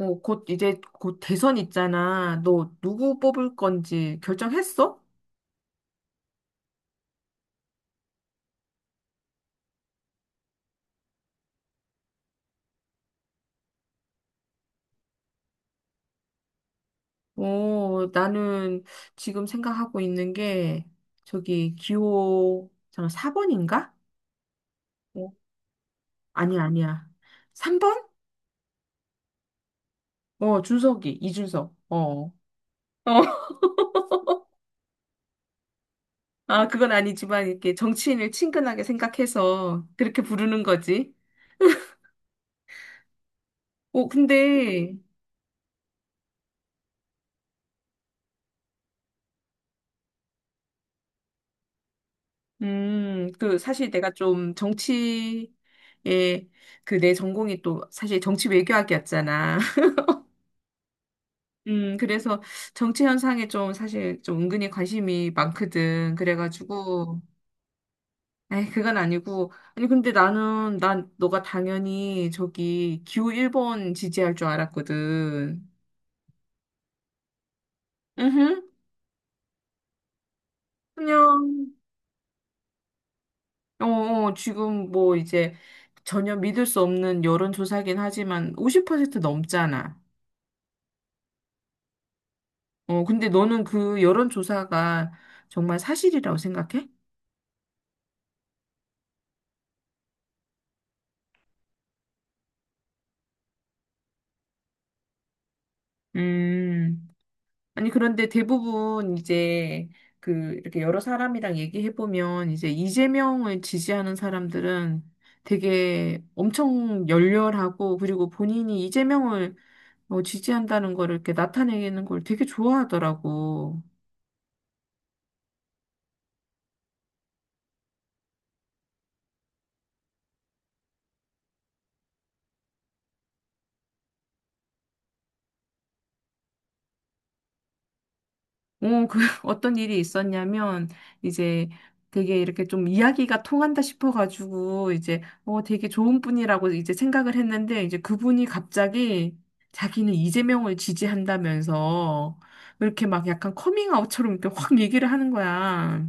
어, 곧 이제 곧 대선 있잖아. 너 누구 뽑을 건지 결정했어? 어, 나는 지금 생각하고 있는 게 저기 기호 잠깐 4번인가? 어, 아니야, 아니야. 3번? 어, 준석이, 이준석. 어. 어, 아, 그건 아니지만 이렇게 정치인을 친근하게 생각해서 그렇게 부르는 거지. 어, 근데 그, 사실 내가 좀 정치에, 그 내 전공이 또 사실 정치 외교학이었잖아. 그래서 정치 현상에 좀 사실 좀 은근히 관심이 많거든. 그래가지고, 에이, 그건 아니고. 아니, 근데 난 너가 당연히 저기 기호 1번 지지할 줄 알았거든. 으흠, 그냥, 어, 어, 지금 뭐 이제 전혀 믿을 수 없는 여론조사긴 하지만 50% 넘잖아. 어, 근데 너는 그 여론조사가 정말 사실이라고 생각해? 음, 아니, 그런데 대부분 이제 그 이렇게 여러 사람이랑 얘기해보면 이제 이재명을 지지하는 사람들은 되게 엄청 열렬하고 그리고 본인이 이재명을 어, 지지한다는 거를 이렇게 나타내는 걸 되게 좋아하더라고. 어, 그, 어떤 일이 있었냐면, 이제 되게 이렇게 좀 이야기가 통한다 싶어가지고, 이제, 어, 되게 좋은 분이라고 이제 생각을 했는데, 이제 그분이 갑자기 자기는 이재명을 지지한다면서, 이렇게 막 약간 커밍아웃처럼 이렇게 확 얘기를 하는 거야.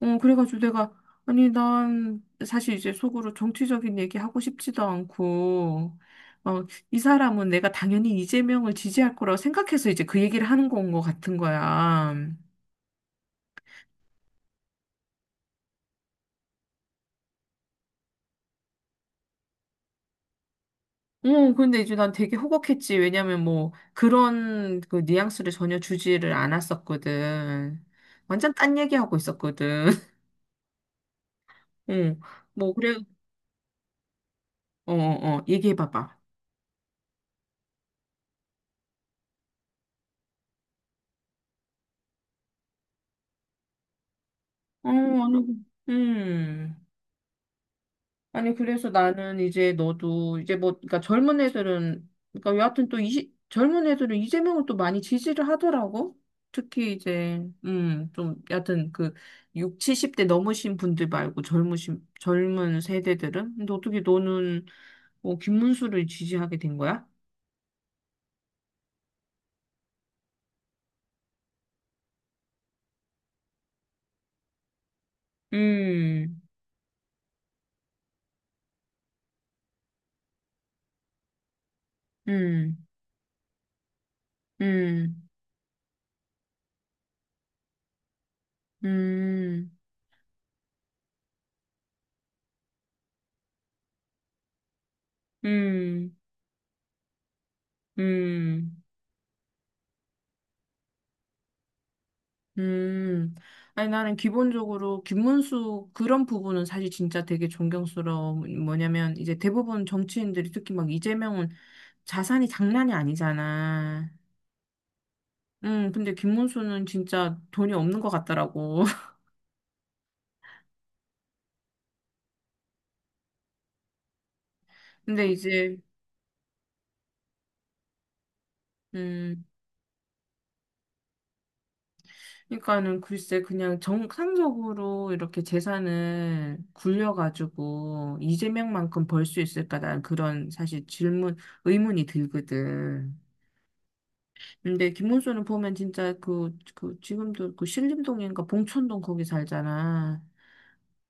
어, 그래가지고 내가, 아니, 난 사실 이제 속으로 정치적인 얘기 하고 싶지도 않고, 어, 이 사람은 내가 당연히 이재명을 지지할 거라고 생각해서 이제 그 얘기를 하는 건 것 같은 거야. 어, 근데 이제 난 되게 호걱했지. 왜냐면 뭐, 그런 그 뉘앙스를 전혀 주지를 않았었거든. 완전 딴 얘기하고 있었거든. 응, 뭐, 그래, 어, 어, 어, 얘기해봐봐. 어, 아니, 아니, 그래서 나는 이제 너도 이제 뭐, 그러니까 젊은 애들은, 그러니까 여하튼 또 이, 젊은 애들은 이재명을 또 많이 지지를 하더라고. 특히 이제, 좀, 여하튼 그 6, 70대 넘으신 분들 말고 젊은 세대들은? 근데 어떻게 너는 뭐 김문수를 지지하게 된 거야? 음, 음, 음, 음, 음, 음. 음, 아니, 나는 기본적으로 김문수 그런 부분은 사실 진짜 되게 존경스러워. 뭐냐면, 이제 대부분 정치인들이 특히 막 이재명은 자산이 장난이 아니잖아. 근데 김문수는 진짜 돈이 없는 것 같더라고. 근데 이제, 음, 그러니까는 글쎄, 그냥 정상적으로 이렇게 재산을 굴려가지고 이재명만큼 벌 수 있을까? 난 그런 사실 질문, 의문이 들거든. 근데 김문수는 보면 진짜 지금도 그 신림동인가 봉천동 거기 살잖아.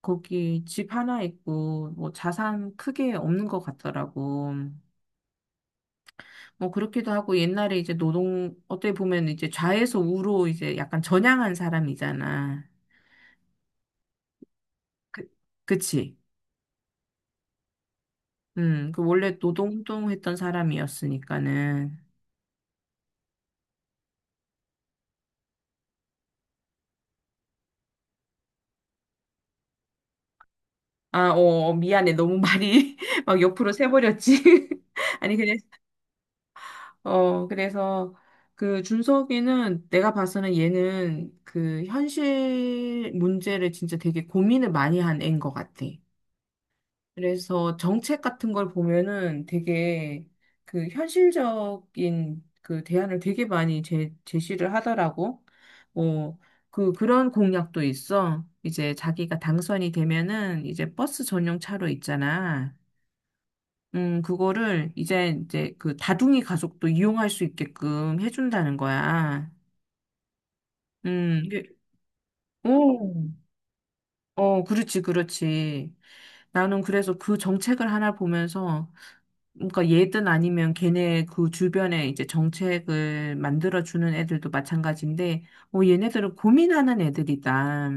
거기 집 하나 있고, 뭐 자산 크게 없는 것 같더라고. 뭐 그렇기도 하고, 옛날에 이제 어떻게 보면 이제 좌에서 우로 이제 약간 전향한 사람이잖아. 그, 그치? 그 원래 노동운동 했던 사람이었으니까는. 아, 어, 어, 미안해. 너무 말이 막 옆으로 새버렸지. 아니, 그냥 어, 그래서 그 준석이는 내가 봐서는 얘는 그 현실 문제를 진짜 되게 고민을 많이 한 애인 것 같아. 그래서 정책 같은 걸 보면은 되게 그 현실적인 그 대안을 되게 많이 제시를 하더라고. 어, 그, 그런 공약도 있어. 이제 자기가 당선이 되면은 이제 버스 전용 차로 있잖아. 그거를 이제 그 다둥이 가족도 이용할 수 있게끔 해준다는 거야. 이게- 오, 어, 그렇지, 그렇지. 나는 그래서 그 정책을 하나 보면서, 그러니까 얘든 아니면 걔네 그 주변에 이제 정책을 만들어주는 애들도 마찬가지인데, 어, 얘네들은 고민하는 애들이다.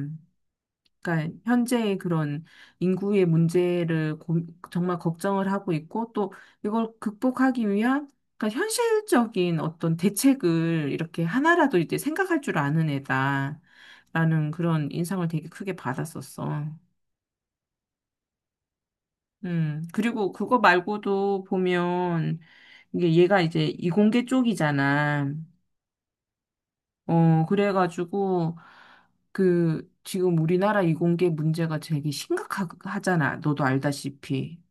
그러니까 현재의 그런 인구의 문제를 고- 정말 걱정을 하고 있고 또 이걸 극복하기 위한 그러니까 현실적인 어떤 대책을 이렇게 하나라도 이제 생각할 줄 아는 애다라는 그런 인상을 되게 크게 받았었어. 그리고 그거 말고도 보면 이게 얘가 이제 이공계 쪽이잖아. 어, 그래가지고 그 지금 우리나라 이공계 문제가 되게 심각하잖아. 너도 알다시피.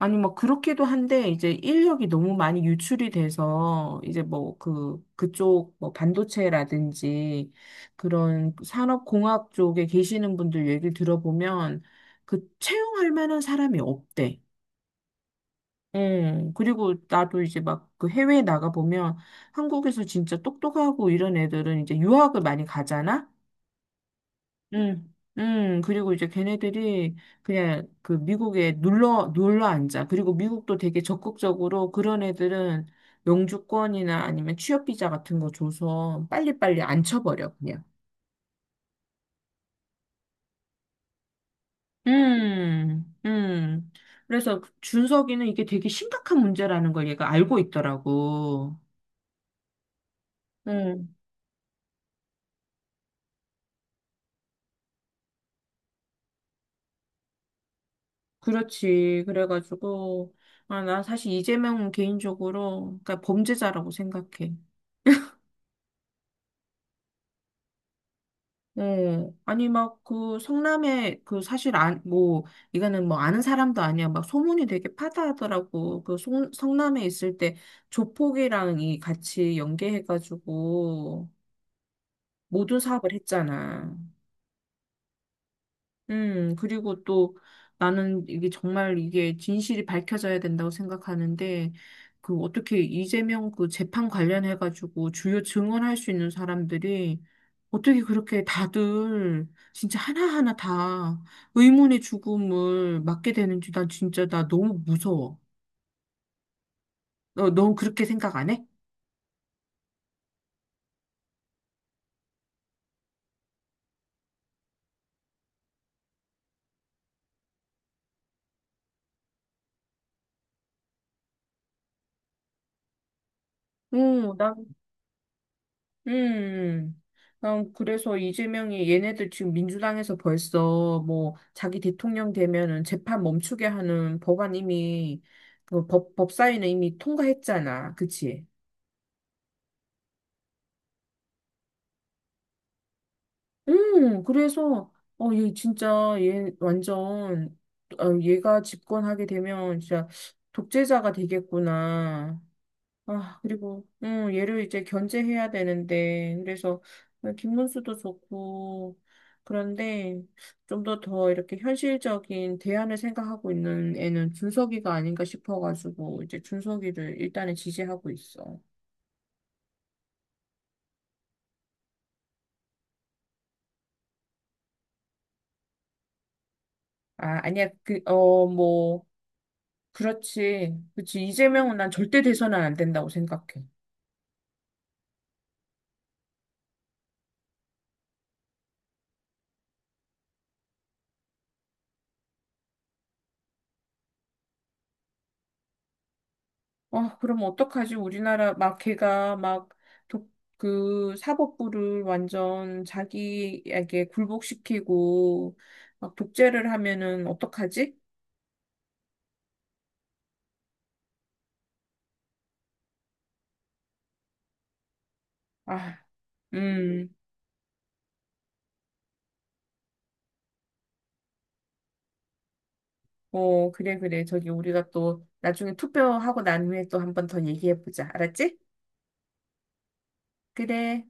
아니, 뭐, 그렇기도 한데, 이제 인력이 너무 많이 유출이 돼서, 이제 뭐, 그쪽, 뭐, 반도체라든지, 그런 산업공학 쪽에 계시는 분들 얘기를 들어보면, 그, 채용할 만한 사람이 없대. 응, 그리고 나도 이제 막 그 해외에 나가보면, 한국에서 진짜 똑똑하고 이런 애들은 이제 유학을 많이 가잖아? 음, 그리고 이제 걔네들이 그냥 그 미국에 눌러 앉아. 그리고 미국도 되게 적극적으로 그런 애들은 영주권이나 아니면 취업비자 같은 거 줘서 빨리빨리 앉혀버려, 그냥. 음, 음. 그래서 그 준석이는 이게 되게 심각한 문제라는 걸 얘가 알고 있더라고. 음, 그렇지. 그래가지고, 아, 나 사실 이재명은 개인적으로, 그러니까 범죄자라고 생각해. 네. 아니, 막, 그, 성남에, 그, 사실, 안, 뭐, 이거는 뭐, 아는 사람도 아니야. 막, 소문이 되게 파다하더라고. 그, 성남에 있을 때, 조폭이랑 이 같이 연계해가지고, 모든 사업을 했잖아. 그리고 또 나는 이게 정말 이게 진실이 밝혀져야 된다고 생각하는데, 그 어떻게 이재명 그 재판 관련해가지고 주요 증언할 수 있는 사람들이 어떻게 그렇게 다들 진짜 하나하나 다 의문의 죽음을 맞게 되는지 난 진짜 나 너무 무서워. 넌 그렇게 생각 안 해? 어, 나 음, 난 그래서 이재명이 얘네들 지금 민주당에서 벌써 뭐 자기 대통령 되면은 재판 멈추게 하는 법안 이미 그 법사위는 이미 통과했잖아. 그치? 그래서 어, 얘 진짜 얘 완전 어, 얘가 집권하게 되면 진짜 독재자가 되겠구나. 아, 그리고, 얘를 이제 견제해야 되는데, 그래서, 김문수도 좋고, 그런데, 좀 더 이렇게 현실적인 대안을 생각하고 있는 애는 준석이가 아닌가 싶어가지고, 이제 준석이를 일단은 지지하고 있어. 아, 아니야, 그, 어, 뭐, 그렇지. 그치. 이재명은 난 절대 돼서는 안 된다고 생각해. 아, 그럼 어떡하지? 우리나라 막 걔가 막 독, 그 사법부를 완전 자기에게 굴복시키고 막 독재를 하면은 어떡하지? 아, 음, 어, 그래, 그래. 저기 우리가 또 나중에 투표하고 난 후에 또 한번 더 얘기해보자. 알았지? 그래.